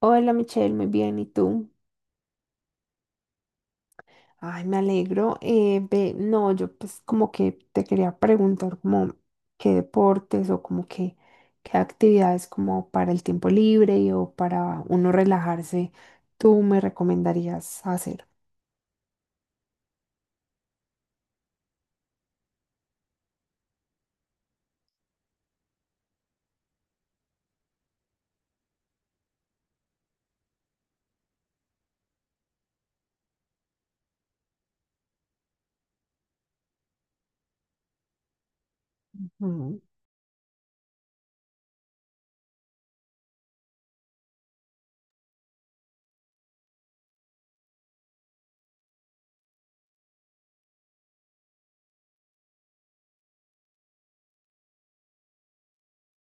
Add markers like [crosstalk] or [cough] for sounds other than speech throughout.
Hola Michelle, muy bien, ¿y tú? Ay, me alegro. Ve, no, yo pues como que te quería preguntar como qué deportes o como que qué actividades como para el tiempo libre y o para uno relajarse, tú me recomendarías hacer. Ujú.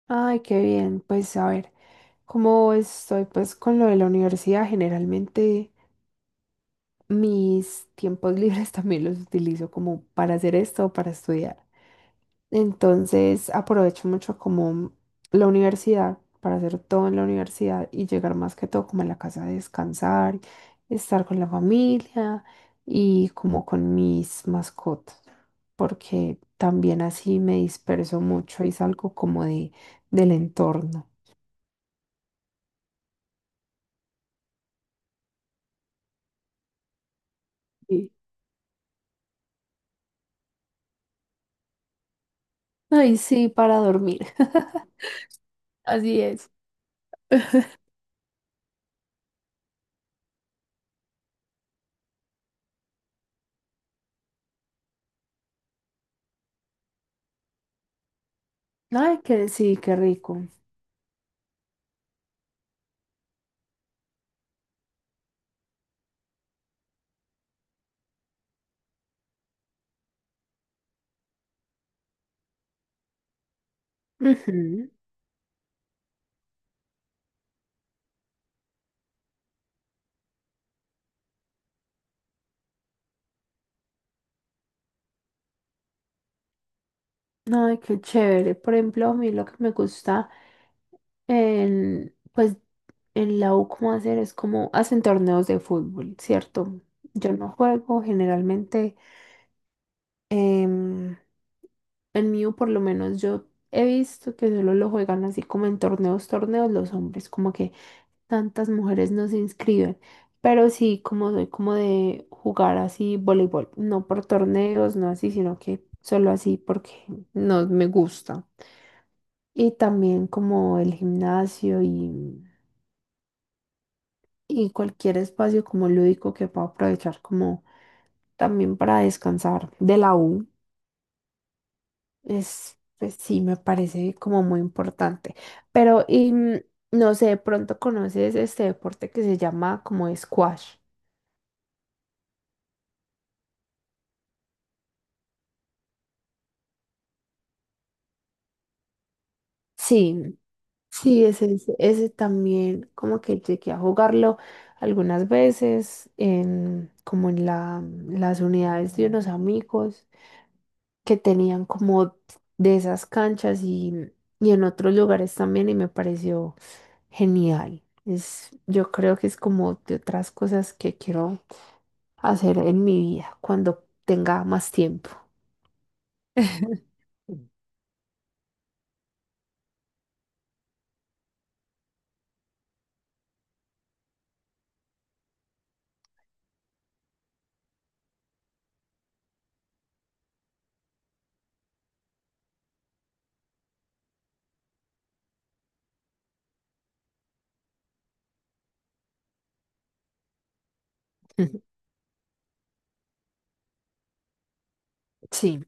Ay, qué bien. Pues a ver, como estoy pues con lo de la universidad, generalmente mis tiempos libres [laughs] también los utilizo como para hacer esto o para estudiar. Entonces aprovecho mucho como la universidad para hacer todo en la universidad y llegar más que todo como a la casa a descansar, estar con la familia y como con mis mascotas, porque también así me disperso mucho y salgo como de, del entorno. Y, ay, sí, para dormir. [laughs] Así es. Ay, que sí, qué rico. Ujú. Ay, qué chévere. Por ejemplo, a mí lo que me gusta En, pues en la U, ¿cómo hacer? Es como hacen torneos de fútbol, ¿cierto? Yo no juego generalmente. em, en mi U, por lo menos, yo he visto que solo lo juegan así como en torneos, torneos los hombres, como que tantas mujeres no se inscriben. Pero sí, como soy como de jugar así voleibol, no por torneos, no así, sino que solo así porque no me gusta. Y también como el gimnasio y cualquier espacio como lúdico que pueda aprovechar como también para descansar de la U es pues sí me parece como muy importante pero y, no sé de pronto conoces este deporte que se llama como squash. Sí, sí, ese también como que llegué a jugarlo algunas veces en como en las unidades de unos amigos que tenían como de esas canchas y en otros lugares también y me pareció genial. Yo creo que es como de otras cosas que quiero hacer en mi vida cuando tenga más tiempo. [laughs] Sí.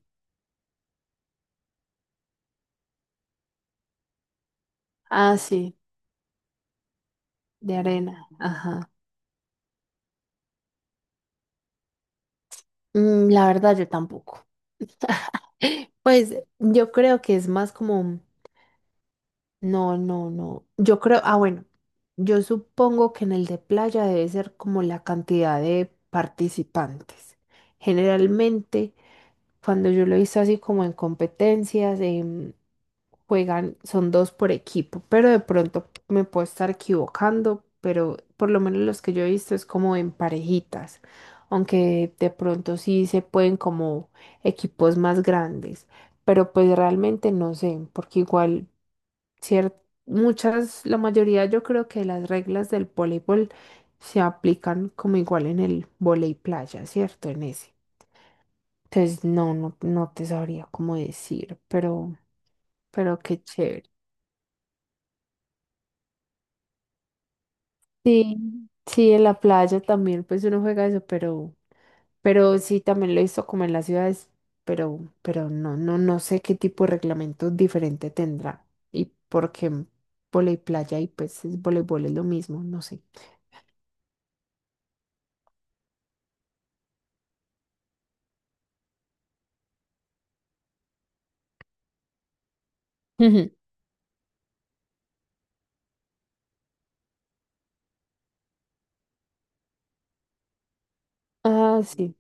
Ah, sí, de arena. Ajá. Mm, la verdad, yo tampoco. [gasps] [laughs] Pues yo creo que es más como no, no, no. Yo creo, ah, bueno, yo supongo que en el de playa debe ser como la cantidad de participantes. Generalmente, cuando yo lo he visto así como en competencias, juegan, son dos por equipo, pero de pronto me puedo estar equivocando, pero por lo menos los que yo he visto es como en parejitas, aunque de pronto sí se pueden como equipos más grandes, pero pues realmente no sé, porque igual cier- muchas, la mayoría yo creo que las reglas del voleibol se aplican como igual en el volei playa, ¿cierto? En ese. Entonces, no, no, no te sabría cómo decir, pero, qué chévere. Sí, sí, en la playa también, pues uno juega eso, pero, sí, también lo hizo como en las ciudades, pero, no, no, no sé qué tipo de reglamento diferente tendrá y porque qué volei playa y pues es voleibol es lo mismo, no sé. [laughs] Ah, sí.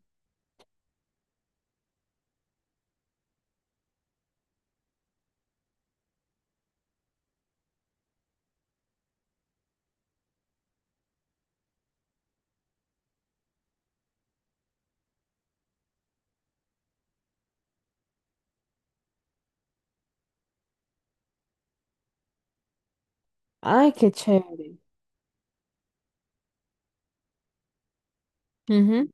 Ay, qué chévere. Ujú.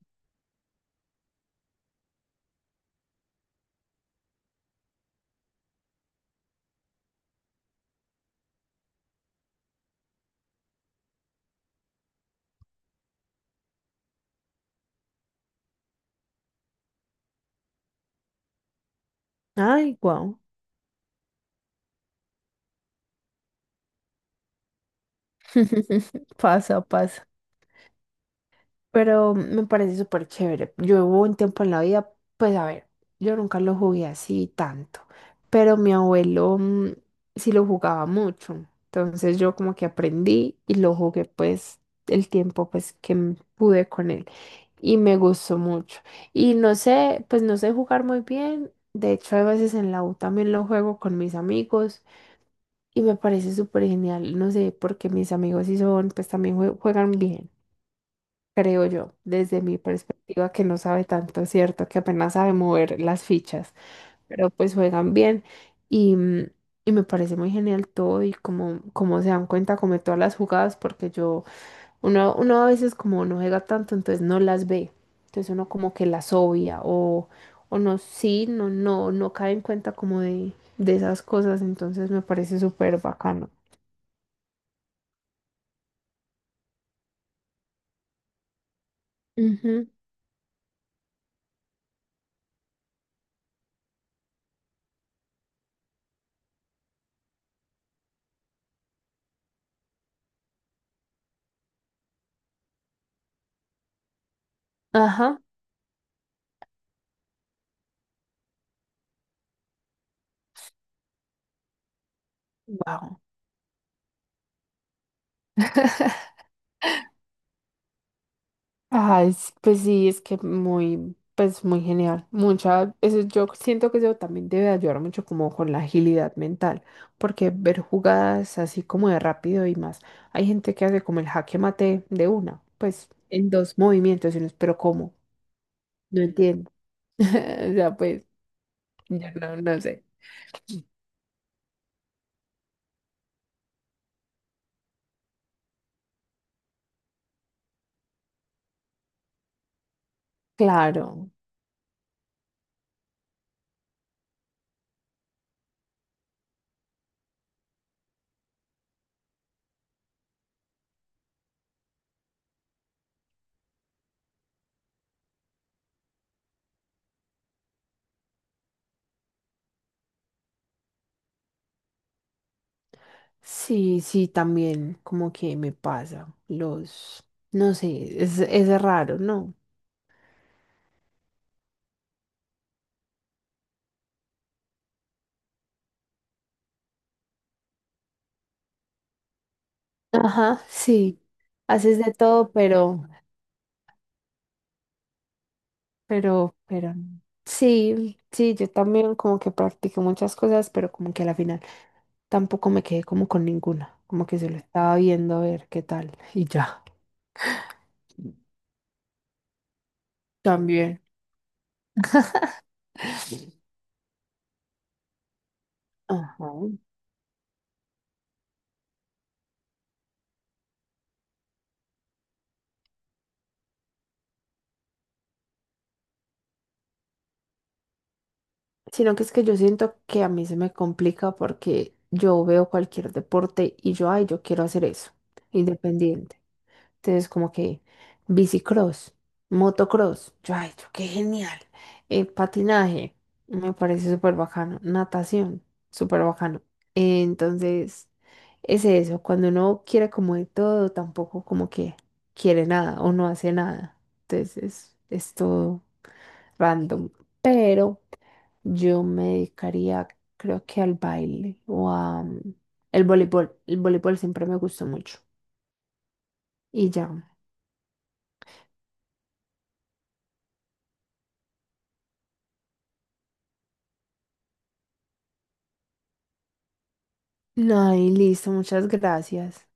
Ay, guau. [laughs] Pasa, pasa. Pero me parece súper chévere. Yo hubo un tiempo en la vida, pues a ver, yo nunca lo jugué así tanto, pero mi abuelo sí lo jugaba mucho. Entonces yo como que aprendí y lo jugué pues el tiempo pues que pude con él y me gustó mucho. Y no sé, pues no sé jugar muy bien. De hecho, a veces en la U también lo juego con mis amigos. Y me parece súper genial, no sé, porque mis amigos sí son, pues también juegan bien, creo yo, desde mi perspectiva que no sabe tanto, ¿cierto? Que apenas sabe mover las fichas, pero pues juegan bien y, mm, y me parece muy genial todo y como, como se dan cuenta, como de todas las jugadas, porque yo, uno a veces como no juega tanto, entonces no las ve, entonces uno como que las obvia o no, sí, no, no, no cae en cuenta como de, esas cosas, entonces me parece súper bacano. Ujú. Ajá. Wow. [laughs] Ay, s- pues sí, es que muy, pues muy genial. Mucha, eso yo siento que eso también debe ayudar mucho como con la agilidad mental, porque ver jugadas así como de rápido y más. Hay gente que hace como el jaque mate de una, pues en dos movimientos, y uno, pero ¿cómo? No entiendo. [laughs] O sea, pues, yo no, no sé. Claro. Sí, sí, también como que me pasa los, no sé, es raro, ¿no? Ajá, sí, haces de todo, pero, no. Sí, sí, yo también como que practiqué muchas cosas, pero como que a la final tampoco me quedé como con ninguna, como que se lo estaba viendo a ver qué tal y ya. También. Ajá. Sino que es que yo siento que a mí se me complica porque yo veo cualquier deporte y yo, ay, yo quiero hacer eso, independiente. Entonces, como que bicicross, motocross, yo, ay, yo, qué genial. Patinaje, me parece súper bacano. Natación, súper bacano. Entonces, es eso, cuando uno quiere como de todo, tampoco como que quiere nada o no hace nada. Entonces, es todo random. Pero yo me dedicaría, creo que al baile o el voleibol. El voleibol siempre me gustó mucho. Y ya. No, y listo, muchas gracias.